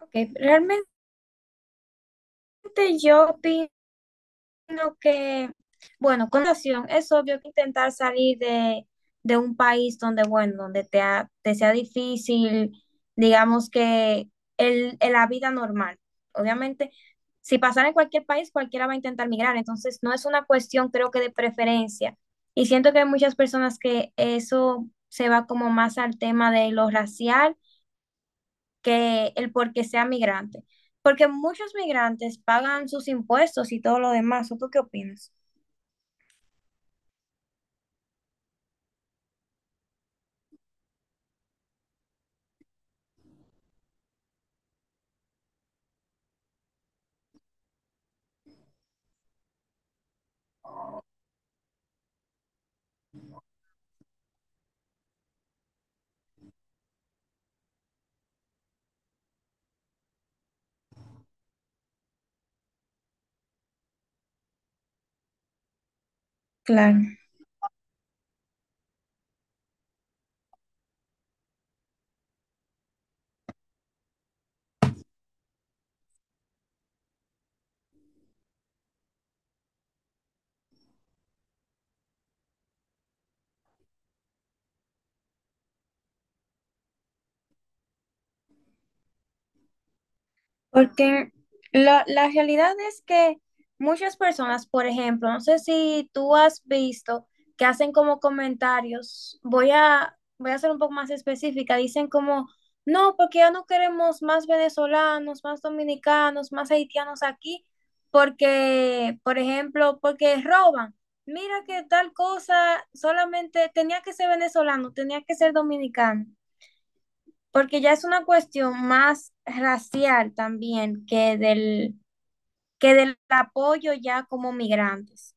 Ok, realmente yo opino que, bueno, con relación, es obvio que intentar salir de un país donde, bueno, donde te, te sea difícil, digamos que la vida normal. Obviamente, si pasara en cualquier país, cualquiera va a intentar migrar, entonces no es una cuestión, creo que de preferencia. Y siento que hay muchas personas que eso se va como más al tema de lo racial que el por qué sea migrante. Porque muchos migrantes pagan sus impuestos y todo lo demás. ¿O tú qué opinas? Claro. Porque la realidad es que muchas personas, por ejemplo, no sé si tú has visto que hacen como comentarios, voy a ser un poco más específica, dicen como, no, porque ya no queremos más venezolanos, más dominicanos, más haitianos aquí, porque, por ejemplo, porque roban. Mira que tal cosa solamente tenía que ser venezolano, tenía que ser dominicano porque ya es una cuestión más racial también que del apoyo ya como migrantes.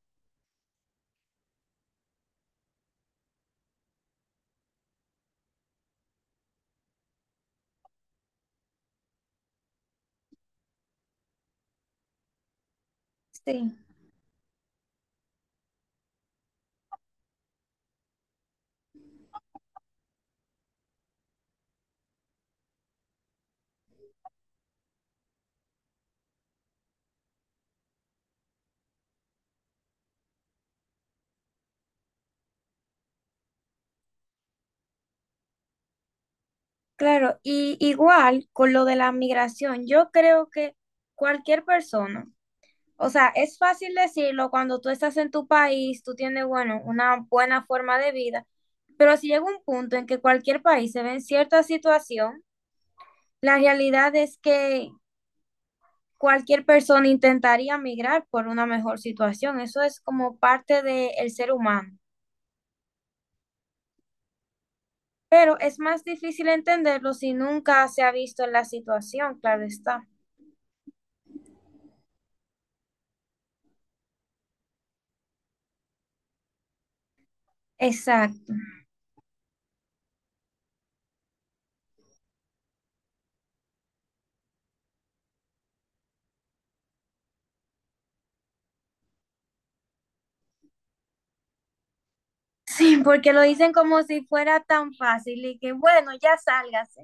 Sí, claro. Y igual con lo de la migración, yo creo que cualquier persona, o sea, es fácil decirlo cuando tú estás en tu país, tú tienes, bueno, una buena forma de vida, pero si llega un punto en que cualquier país se ve en cierta situación, la realidad es que cualquier persona intentaría migrar por una mejor situación. Eso es como parte del ser humano. Pero es más difícil entenderlo si nunca se ha visto en la situación, claro está. Exacto. Sí, porque lo dicen como si fuera tan fácil y que, bueno, ya sálgase.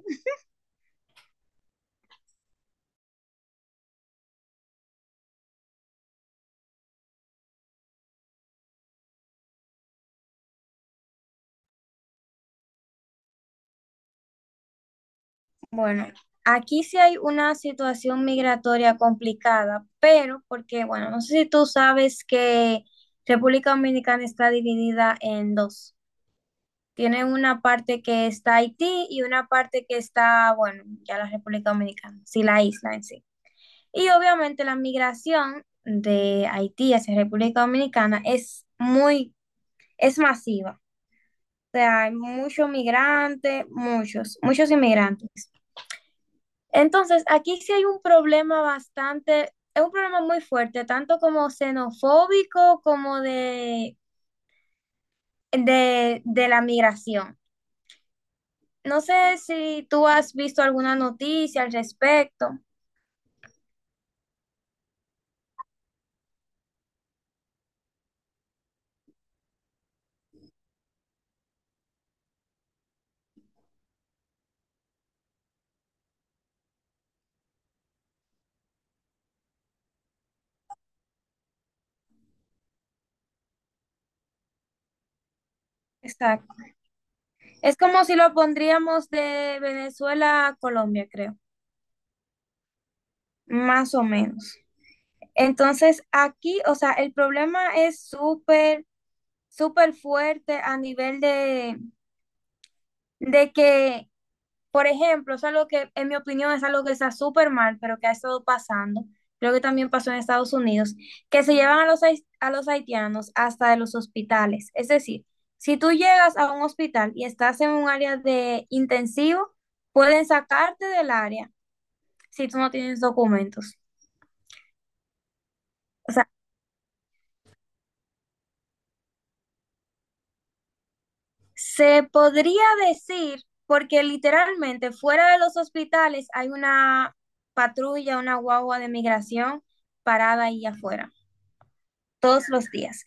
Bueno, aquí sí hay una situación migratoria complicada, pero porque, bueno, no sé si tú sabes que República Dominicana está dividida en dos. Tiene una parte que está Haití y una parte que está, bueno, ya la República Dominicana, sí, la isla en sí. Y obviamente la migración de Haití hacia República Dominicana es muy, es masiva. O sea, hay muchos migrantes, muchos, muchos inmigrantes. Entonces, aquí sí hay un problema bastante, es un problema muy fuerte, tanto como xenofóbico como de, de la migración. No sé si tú has visto alguna noticia al respecto. Exacto. Es como si lo pondríamos de Venezuela a Colombia, creo, más o menos. Entonces, aquí, o sea, el problema es súper, súper fuerte a nivel de que por ejemplo, es algo que, en mi opinión, es algo que está súper mal, pero que ha estado pasando. Creo que también pasó en Estados Unidos, que se llevan a a los haitianos hasta de los hospitales. Es decir, si tú llegas a un hospital y estás en un área de intensivo, pueden sacarte del área si tú no tienes documentos. O sea, se podría decir, porque literalmente fuera de los hospitales hay una patrulla, una guagua de migración parada ahí afuera todos los días.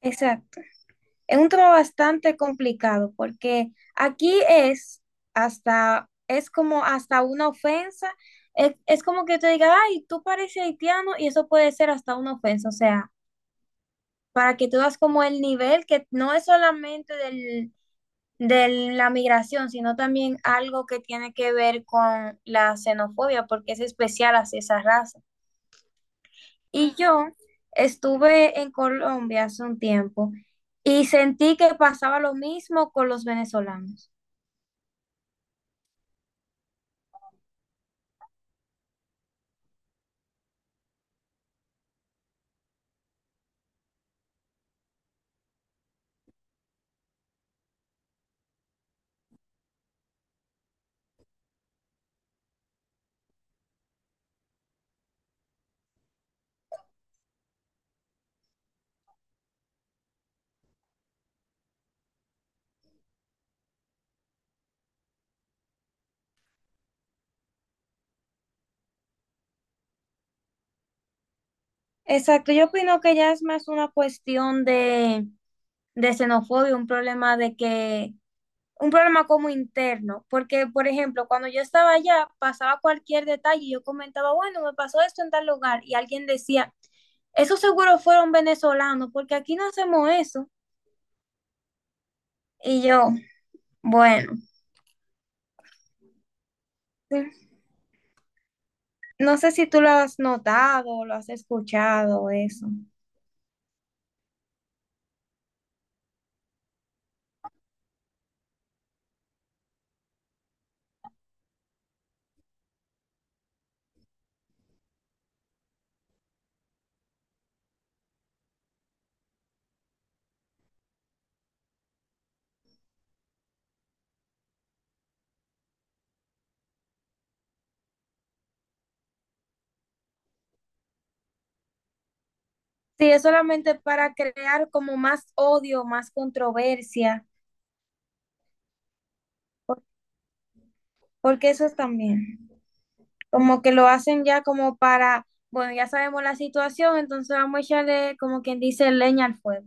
Exacto. Es un trabajo bastante complicado porque aquí es hasta, es como hasta una ofensa. Es como que te diga, ay, tú pareces haitiano y eso puede ser hasta una ofensa. O sea, para que tú das como el nivel que no es solamente del, de la migración, sino también algo que tiene que ver con la xenofobia porque es especial hacia esa raza. Y yo estuve en Colombia hace un tiempo y sentí que pasaba lo mismo con los venezolanos. Exacto, yo opino que ya es más una cuestión de xenofobia, un problema de que, un problema como interno, porque por ejemplo, cuando yo estaba allá, pasaba cualquier detalle y yo comentaba, bueno, me pasó esto en tal lugar y alguien decía, eso seguro fueron venezolanos, porque aquí no hacemos eso. Y yo, bueno. Sí. No sé si tú lo has notado, lo has escuchado, eso. Sí, es solamente para crear como más odio, más controversia, porque eso es también, como que lo hacen ya como para, bueno, ya sabemos la situación, entonces vamos a echarle como quien dice leña al fuego.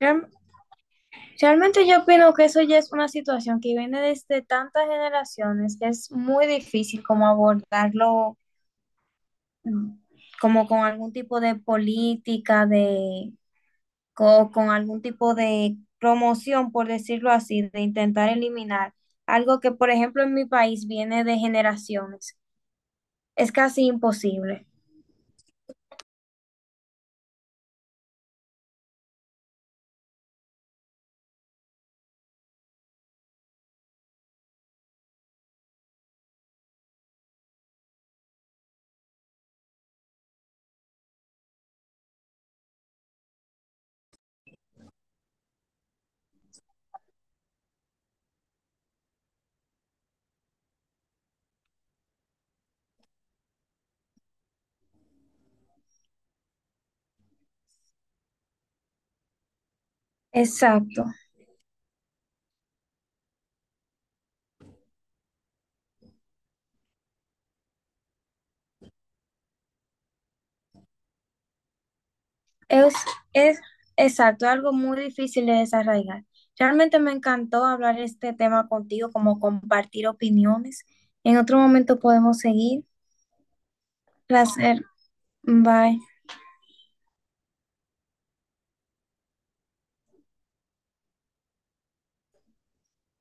Real- Realmente yo opino que eso ya es una situación que viene desde tantas generaciones que es muy difícil como abordarlo mm, como con algún tipo de política, de con algún tipo de promoción, por decirlo así, de intentar eliminar algo que, por ejemplo, en mi país viene de generaciones. Es casi imposible. Exacto. Es, es exacto, algo muy difícil de desarraigar. Realmente me encantó hablar este tema contigo, como compartir opiniones. En otro momento podemos seguir. Placer. Bye.